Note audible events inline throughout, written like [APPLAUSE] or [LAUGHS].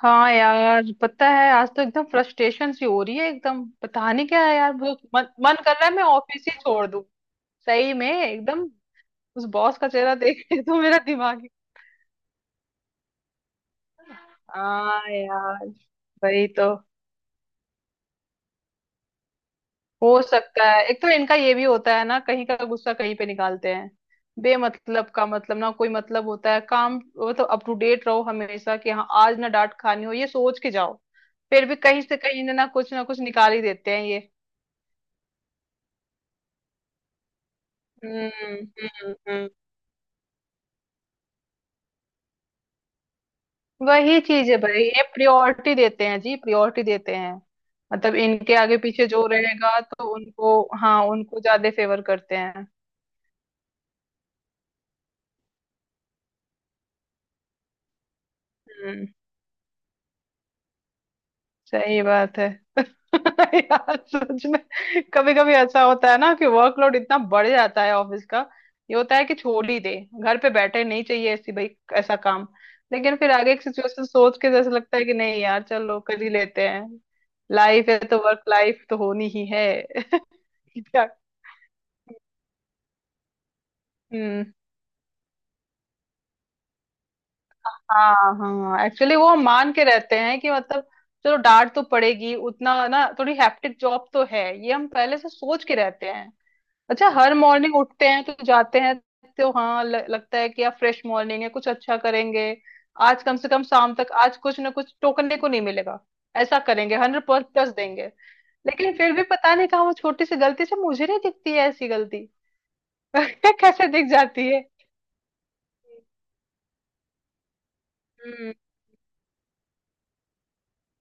हाँ यार, पता है आज तो एकदम फ्रस्ट्रेशन सी हो रही है। एकदम पता नहीं क्या है यार, बहुत मन मन कर रहा है मैं ऑफिस ही छोड़ दूँ। सही में एकदम। उस बॉस का चेहरा देख के तो मेरा दिमाग ही। हाँ यार। वही तो। हो सकता है, एक तो इनका ये भी होता है ना, कहीं का गुस्सा कहीं पे निकालते हैं। बेमतलब का, मतलब ना कोई मतलब होता है काम। वो तो अप टू डेट रहो हमेशा कि हाँ आज ना डांट खानी हो, ये सोच के जाओ। फिर भी कहीं से कहीं ना ना कुछ निकाल ही देते हैं ये। हम्म। हम्म वही चीज है भाई, ये प्रियोरिटी देते हैं जी, प्रियोरिटी देते हैं। मतलब इनके आगे पीछे जो रहेगा तो उनको, हाँ, उनको ज्यादा फेवर करते हैं। हम्म। सही बात है। [LAUGHS] यार सच में। कभी कभी ऐसा होता है ना कि वर्कलोड इतना बढ़ जाता है ऑफिस का। ये होता है कि छोड़ ही दे। घर पे बैठे, नहीं चाहिए ऐसी भाई। ऐसा काम। लेकिन फिर आगे की सिचुएशन सोच के जैसे लगता है कि नहीं यार, चलो कर ही लेते हैं। लाइफ है तो वर्क लाइफ तो होनी ही है। [LAUGHS] क्या। हम्म। हाँ हाँ, एक्चुअली वो हम मान के रहते हैं कि मतलब। चलो डांट तो पड़ेगी उतना ना, थोड़ी हैप्टिक जॉब तो है ये, हम पहले से सोच के रहते हैं। अच्छा हर मॉर्निंग उठते हैं तो जाते हैं। तो हाँ, लगता है कि यार फ्रेश मॉर्निंग है, कुछ अच्छा करेंगे। आज कम से कम शाम तक आज कुछ ना कुछ टोकने को नहीं मिलेगा। ऐसा करेंगे, 100 प्लस देंगे। लेकिन फिर भी पता नहीं कहाँ वो छोटी सी गलती से, मुझे नहीं दिखती है ऐसी गलती। [LAUGHS] कैसे दिख जाती है। हम्म,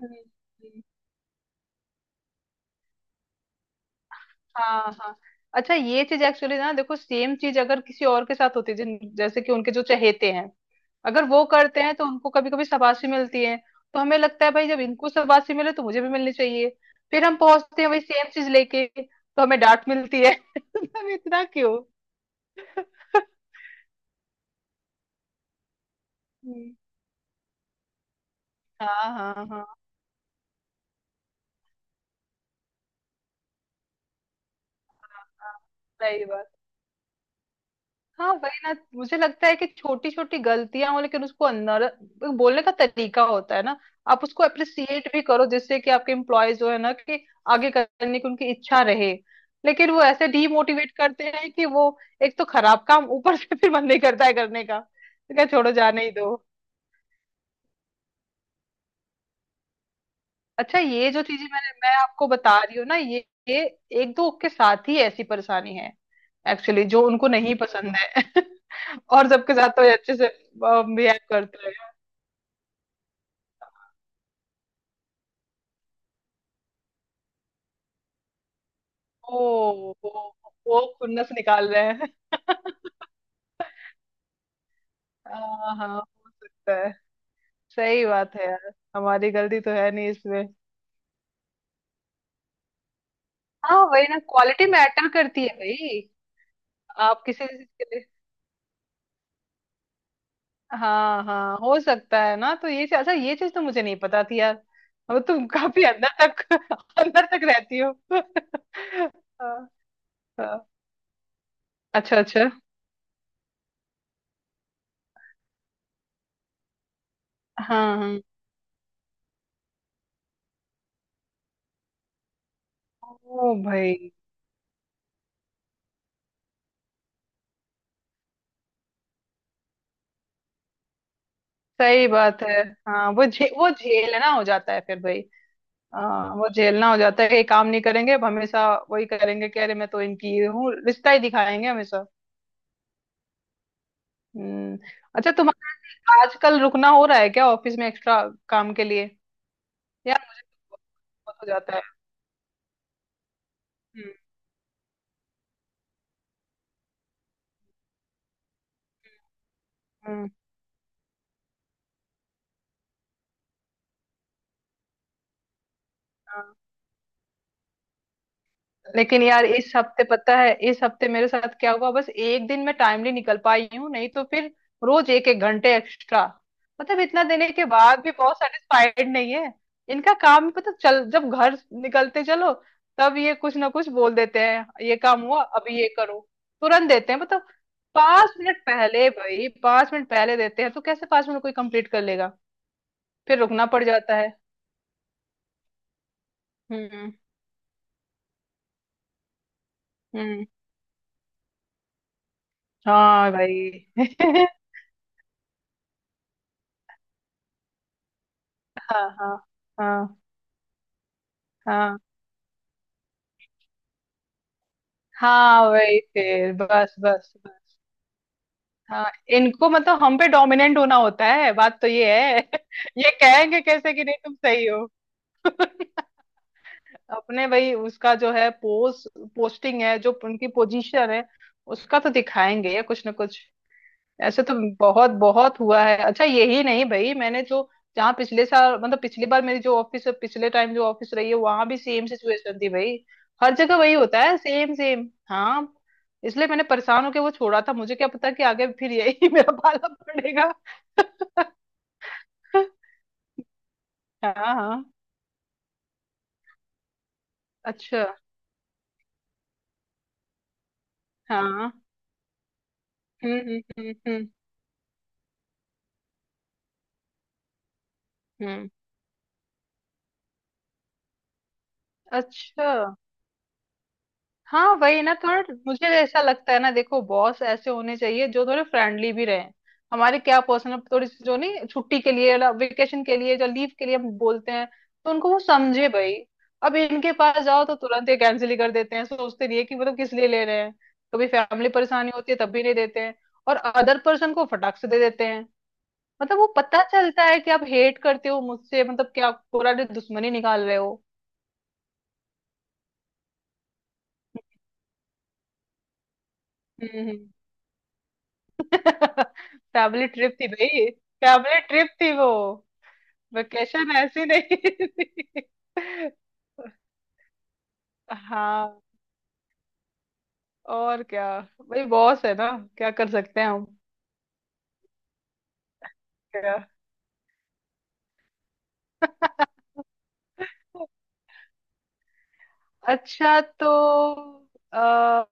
हम्म। हाँ हाँ। अच्छा ये चीज एक्चुअली ना देखो, सेम चीज अगर किसी और के साथ होती है जैसे कि उनके जो चहेते हैं। अगर वो करते हैं तो उनको कभी कभी शाबाशी मिलती है। तो हमें लगता है भाई, जब इनको शाबाशी मिले तो मुझे भी मिलनी चाहिए। फिर हम पहुंचते हैं वही सेम चीज लेके तो हमें डांट मिलती है। [LAUGHS] तो हम इतना क्यों। [LAUGHS] हम्म, हाँ हाँ हाँ हाँ, सही बात। हाँ वही ना, मुझे लगता है कि छोटी छोटी गलतियां हो, लेकिन उसको अंदर। बोलने का तरीका होता है ना। आप उसको अप्रिसिएट भी करो, जिससे कि आपके एम्प्लॉय जो है ना कि। आगे करने की उनकी इच्छा रहे। लेकिन वो ऐसे डीमोटिवेट करते हैं कि वो। एक तो खराब काम, ऊपर से फिर मन नहीं करता है करने का, तो क्या छोड़ो, जाने ही दो। अच्छा ये जो चीजें मैं आपको बता रही हूँ ना, ये। एक दो के साथ ही ऐसी परेशानी है। एक्चुअली जो उनको नहीं पसंद है। [LAUGHS] और सबके साथ तो ये अच्छे से। बिहेव करते हैं। ओ। वो, वो खुन्नस निकाल रहे हैं। [LAUGHS] हाँ हाँ, हो सकता है। सही बात है यार, हमारी गलती तो है नहीं इसमें। हाँ वही ना, क्वालिटी मैटर करती है भाई। आप किसी भी चीज के लिए। हाँ हाँ हो सकता है ना, तो ये चीज, अच्छा ये चीज तो मुझे नहीं पता थी यार। अब तुम काफी अंदर तक। [LAUGHS] अंदर तक रहती हो। [LAUGHS] हाँ, हाँ। अच्छा अच्छा। हाँ हाँ। ओ भाई। सही बात है। हाँ, वो झेलना हो जाता है फिर भाई। हाँ वो झेलना हो जाता है कि ये काम नहीं करेंगे अब हमेशा। वही करेंगे, कह रहे मैं तो इनकी ये हूँ, रिश्ता ही दिखाएंगे हमेशा। हम्म। अच्छा तुम्हारा आजकल रुकना हो रहा है क्या ऑफिस में एक्स्ट्रा काम के लिए? यार मुझे तो बहुत हो जाता है। हम्म। हम्म। हाँ। लेकिन यार इस हफ्ते, पता है इस हफ्ते मेरे साथ क्या हुआ, बस एक दिन मैं टाइमली निकल पाई हूँ, नहीं तो फिर। रोज एक एक घंटे एक्स्ट्रा। मतलब इतना देने के बाद भी बहुत सेटिस्फाइड नहीं है। इनका काम, पता चल जब घर निकलते चलो। तब ये कुछ ना कुछ बोल देते हैं, ये काम हुआ अभी, ये करो। तुरंत देते हैं मतलब। 5 मिनट पहले भाई, 5 मिनट पहले देते हैं, तो कैसे 5 मिनट कोई कंप्लीट कर लेगा। फिर रुकना पड़ जाता है। हम्म हम्म। हाँ भाई। [LAUGHS] हाँ हाँ हाँ हाँ, हाँ वही, फिर बस बस बस। हाँ। इनको मतलब हम पे डोमिनेंट होना होता है, बात तो ये है। [LAUGHS] ये कहेंगे कैसे कि नहीं तुम सही हो। अपने भाई उसका जो है पोस्टिंग है जो उनकी पोजीशन है। उसका तो दिखाएंगे, या कुछ ना कुछ। ऐसे तो। बहुत बहुत हुआ है। अच्छा यही नहीं भाई, मैंने जो। जहाँ पिछले साल, मतलब पिछली बार मेरी जो ऑफिस, पिछले टाइम जो ऑफिस रही है, वहां भी सेम सिचुएशन थी भाई। हर जगह वही होता है सेम सेम। हाँ। इसलिए मैंने परेशान होके वो छोड़ा था, मुझे क्या पता कि आगे फिर यही [LAUGHS] मेरा पाला पड़ेगा। [LAUGHS] हाँ हाँ। अच्छा। हाँ। हम्म। हम्म। अच्छा। हाँ वही ना, थोड़ा मुझे ऐसा लगता है ना, देखो बॉस ऐसे होने चाहिए जो थोड़े फ्रेंडली भी रहे। हमारे क्या पर्सनल, थोड़ी सी जो नहीं छुट्टी के लिए, वेकेशन के लिए, जो लीव के लिए हम बोलते हैं। तो उनको वो समझे भाई। अब इनके पास जाओ तो तुरंत ही कैंसिल ही कर देते हैं, सोचते नहीं है कि मतलब किस लिए ले रहे हैं। कभी फैमिली परेशानी होती है तब भी नहीं देते हैं। और अदर पर्सन को फटाक से दे देते हैं। मतलब वो पता चलता है कि आप हेट करते हो मुझसे, मतलब क्या पूरा दुश्मनी निकाल रहे हो। हम्म हम्म। फैमिली ट्रिप थी भाई। फैमिली ट्रिप थी वो। वेकेशन ऐसी नहीं थी। हाँ, और क्या। भाई बॉस है ना। क्या कर सकते हैं हम। क्या। अच्छा तो आ,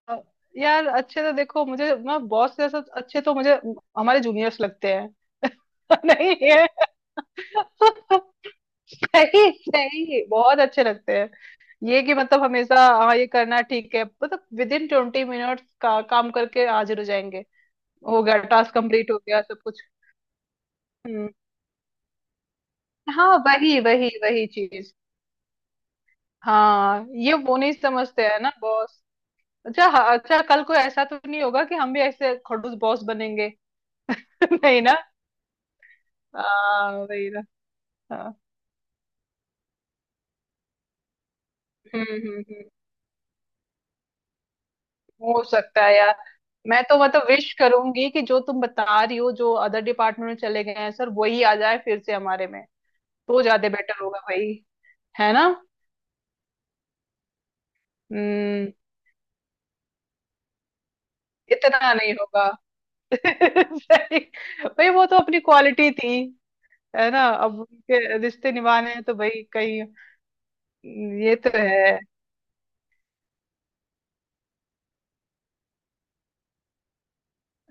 यार, अच्छे तो देखो मुझे ना बॉस जैसा, अच्छे तो मुझे। हमारे जूनियर्स लगते हैं। [LAUGHS] नहीं है। [LAUGHS] सही सही बहुत अच्छे लगते। ये कि मतलब हमेशा। हाँ ये करना ठीक है, मतलब विद इन 20 मिनट्स का काम करके हाजिर हो जाएंगे। हो गया, टास्क कंप्लीट हो गया सब कुछ। हम्म। हाँ, वही वही वही चीज। हाँ, ये वो नहीं समझते है ना बॉस। अच्छा हाँ, अच्छा कल को ऐसा तो नहीं होगा कि हम भी ऐसे खड़ूस बॉस बनेंगे? [LAUGHS] नहीं ना। हाँ वही ना। हाँ। हम्म। हो सकता है यार। मैं तो मतलब विश करूंगी कि जो तुम बता रही हो, जो अदर डिपार्टमेंट में चले गए हैं सर, वही आ जाए फिर से हमारे में। तो ज्यादा बेटर होगा भाई। है ना। हम्म। इतना नहीं होगा। [LAUGHS] सही। भाई वो तो अपनी क्वालिटी थी। है ना, अब उनके रिश्ते निभाने हैं तो भाई कहीं। ये तो है।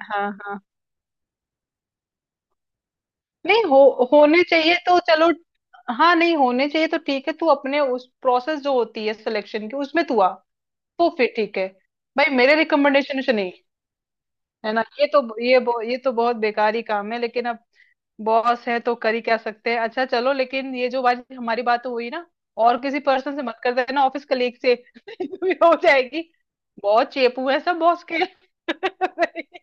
हाँ हाँ। नहीं हो। होने चाहिए तो चलो। हाँ, नहीं होने चाहिए, तो ठीक है तू अपने उस प्रोसेस जो होती है सिलेक्शन की, उसमें तू आ। तो फिर ठीक है। भाई, मेरे रिकमेंडेशन से नहीं। है ना, ये तो ये तो बहुत बेकार ही काम है, लेकिन अब। बॉस है तो कर ही क्या सकते हैं। अच्छा चलो, लेकिन ये जो आज हमारी बात तो हुई ना। और किसी पर्सन से मत कर देना, ऑफिस कलीग से। [LAUGHS] भी हो जाएगी। बहुत चेपू है सब बॉस के। [LAUGHS]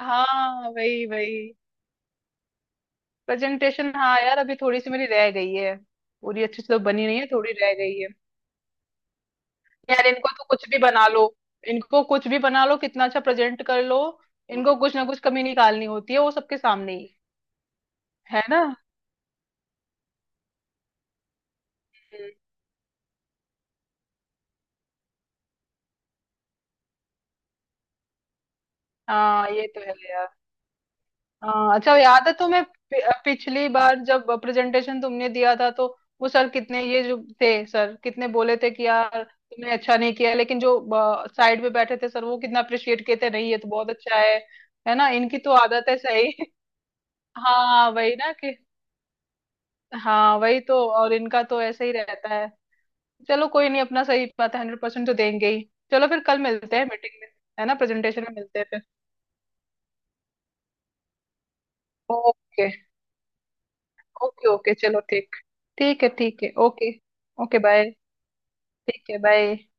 हाँ, वही वही। प्रेजेंटेशन हाँ यार, अभी थोड़ी सी मेरी रह गई है। पूरी अच्छी से तो बनी नहीं है, थोड़ी रह गई है। यार इनको तो कुछ भी बना लो। इनको कुछ भी बना लो कितना अच्छा प्रेजेंट कर लो। इनको कुछ ना कुछ कमी निकालनी होती है, वो सबके सामने ही। है ना। हम्म, हाँ ये तो है। हाँ, अच्छा याद है तुम्हें पिछली बार जब प्रेजेंटेशन तुमने दिया था, तो। वो सर कितने, ये जो थे सर कितने बोले थे कि यार तुमने अच्छा नहीं किया, लेकिन जो। साइड पे बैठे थे सर, वो कितना अप्रिशिएट किए थे, नहीं ये तो बहुत अच्छा है। है ना, इनकी तो आदत है सही। [LAUGHS] हाँ वही ना कि। हाँ वही तो, और इनका तो ऐसे ही रहता है। चलो कोई नहीं, अपना सही बात है, 100% तो देंगे ही। चलो फिर कल मिलते हैं मीटिंग में। है ना, प्रेजेंटेशन में मिलते हैं फिर। ओके। ओके ओके, चलो ठीक। ठीक है ओके। Okay bye. ठीक है, बाय।